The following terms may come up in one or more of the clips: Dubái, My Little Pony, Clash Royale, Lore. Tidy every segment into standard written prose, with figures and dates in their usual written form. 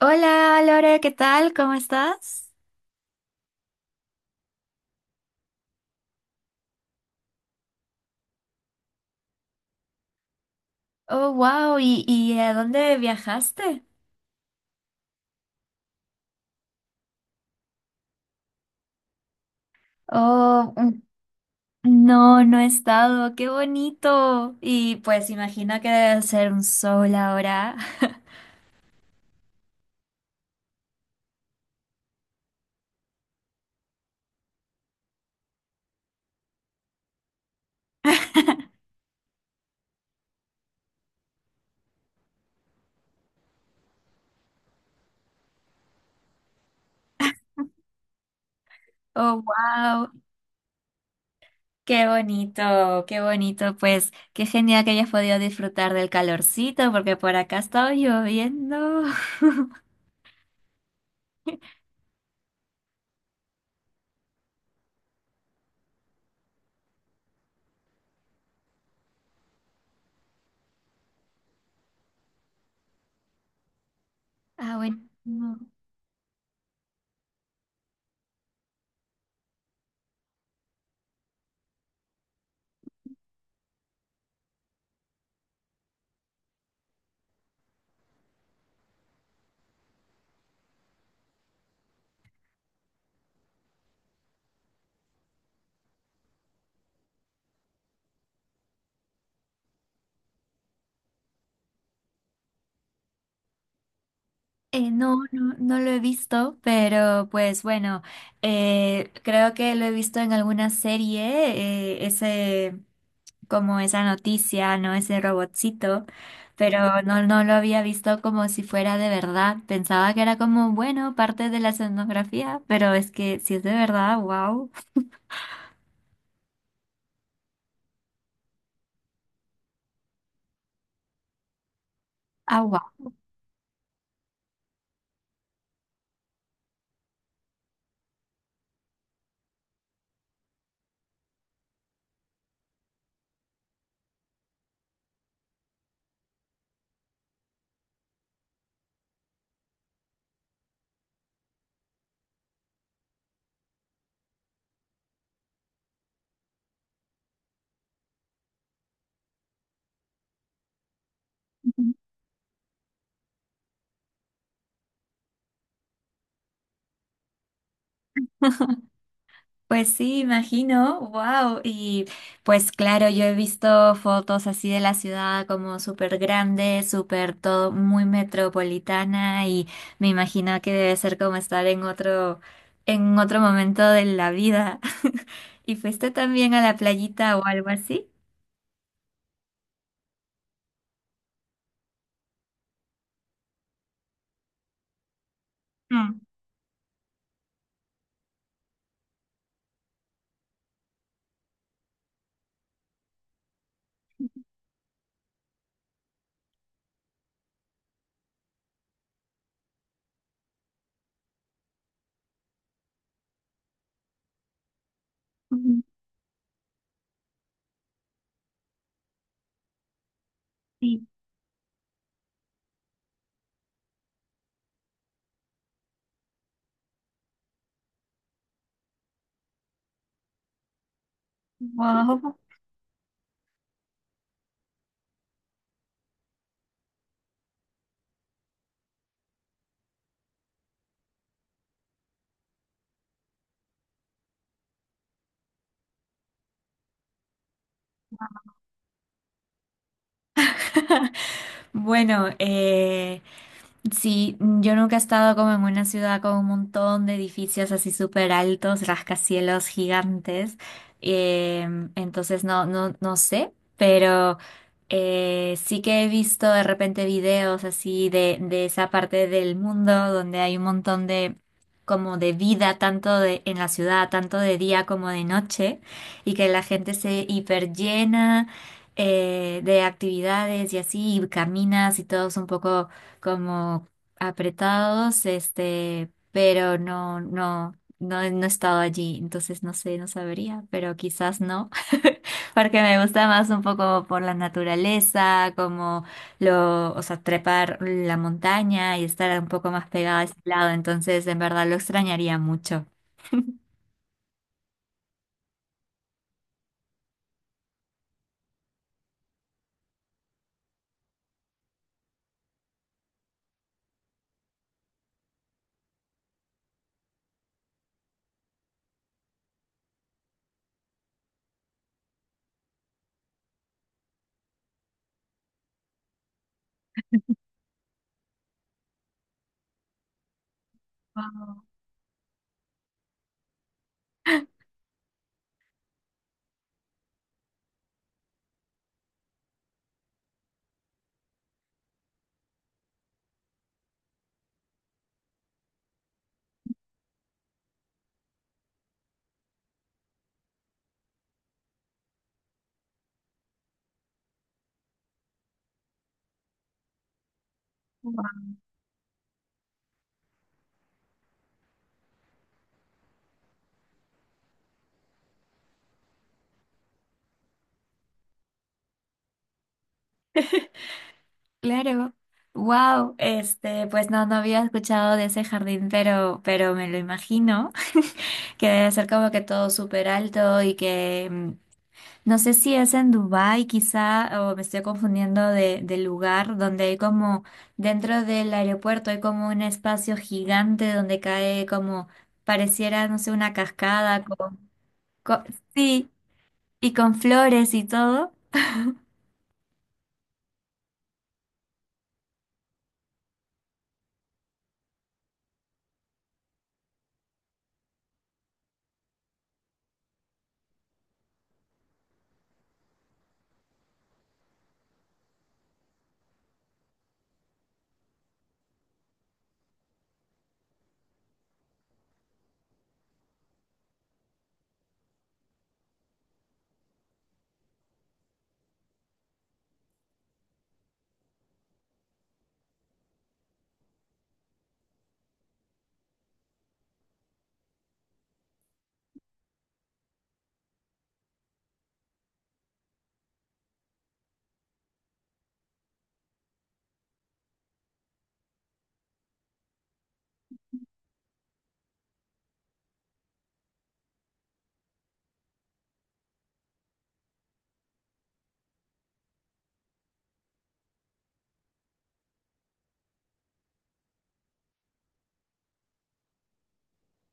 Hola, Lore, ¿qué tal? ¿Cómo estás? Oh, wow, ¿y a dónde viajaste? Oh, mm, no he estado, qué bonito. Y pues imagino que debe ser un sol ahora. Oh, wow, qué bonito, qué bonito. Pues qué genial que hayas podido disfrutar del calorcito, porque por acá ha estado lloviendo. Ah, bueno. No, no lo he visto, pero pues bueno, creo que lo he visto en alguna serie, ese, como esa noticia, ¿no? Ese robotcito, pero no, no lo había visto como si fuera de verdad. Pensaba que era como, bueno, parte de la escenografía, pero es que si es de verdad, wow. Ah, wow. Pues sí, imagino, wow. Y pues claro, yo he visto fotos así de la ciudad como súper grande, súper todo muy metropolitana y me imagino que debe ser como estar en otro momento de la vida. ¿Y fuiste también a la playita o algo así? Mm. Ujú. Sí. Wow. Bueno, sí, yo nunca he estado como en una ciudad con un montón de edificios así súper altos, rascacielos gigantes. Entonces no sé, pero sí que he visto de repente videos así de esa parte del mundo donde hay un montón de como de vida, tanto de, en la ciudad, tanto de día como de noche, y que la gente se hiperllena de actividades y así, y caminas y todo es un poco como apretados, este, pero no he estado allí, entonces no sé, no sabría, pero quizás no, porque me gusta más un poco por la naturaleza, como lo, o sea, trepar la montaña y estar un poco más pegada a ese lado, entonces en verdad lo extrañaría mucho. Wow. Claro. Wow, este, pues no, no había escuchado de ese jardín, pero me lo imagino. Que debe ser como que todo súper alto y que mm, no sé si es en Dubái quizá o me estoy confundiendo de lugar donde hay como dentro del aeropuerto hay como un espacio gigante donde cae como pareciera no sé una cascada con, con- sí y con flores y todo.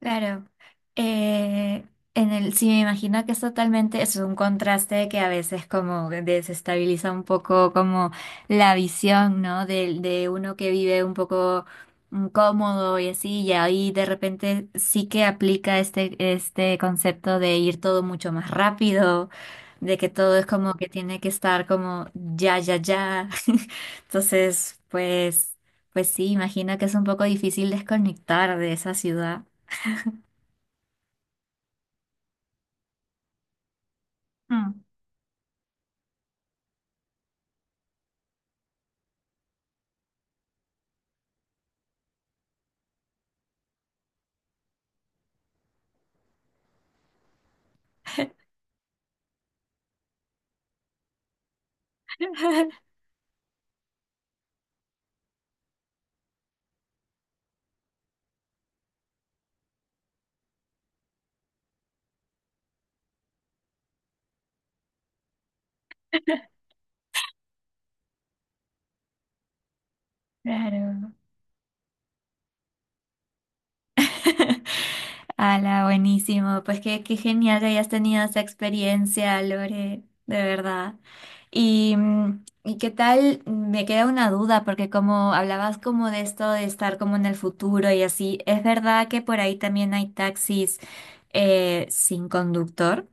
Claro, eh, en el, sí me imagino que es totalmente, es un contraste que a veces como desestabiliza un poco como la visión, ¿no? De uno que vive un poco cómodo y así, y ahí de repente sí que aplica este concepto de ir todo mucho más rápido, de que todo es como que tiene que estar como ya, ya, ya. Entonces, pues, pues sí, imagino que es un poco difícil desconectar de esa ciudad. Mm. Claro. Ala, buenísimo. Pues qué genial que hayas tenido esa experiencia, Lore, de verdad. Y, mm, ¿y qué tal? Me queda una duda, porque como hablabas como de esto de estar como en el futuro y así, ¿es verdad que por ahí también hay taxis sin conductor?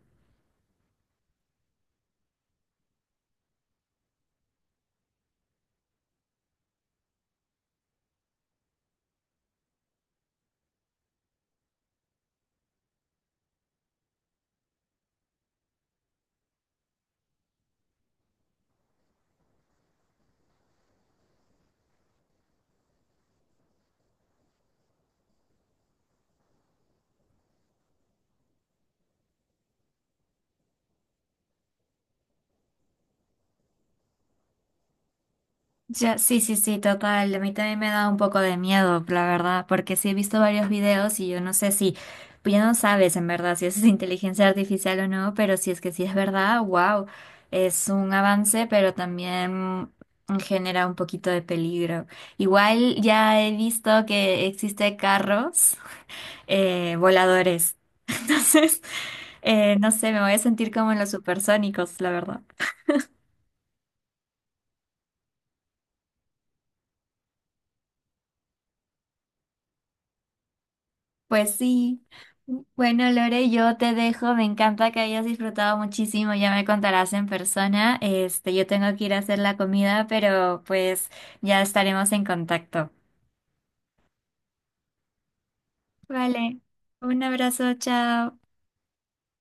Ya, sí, sí, sí, total. A mí también me da un poco de miedo, la verdad, porque sí he visto varios videos y yo no sé si, pues ya no sabes en verdad si eso es inteligencia artificial o no, pero si es que sí es verdad, wow, es un avance, pero también genera un poquito de peligro. Igual ya he visto que existe carros voladores, entonces, no sé, me voy a sentir como en los supersónicos, la verdad. Pues sí. Bueno, Lore, yo te dejo. Me encanta que hayas disfrutado muchísimo. Ya me contarás en persona. Este, yo tengo que ir a hacer la comida, pero pues ya estaremos en contacto. Vale. Un abrazo, chao.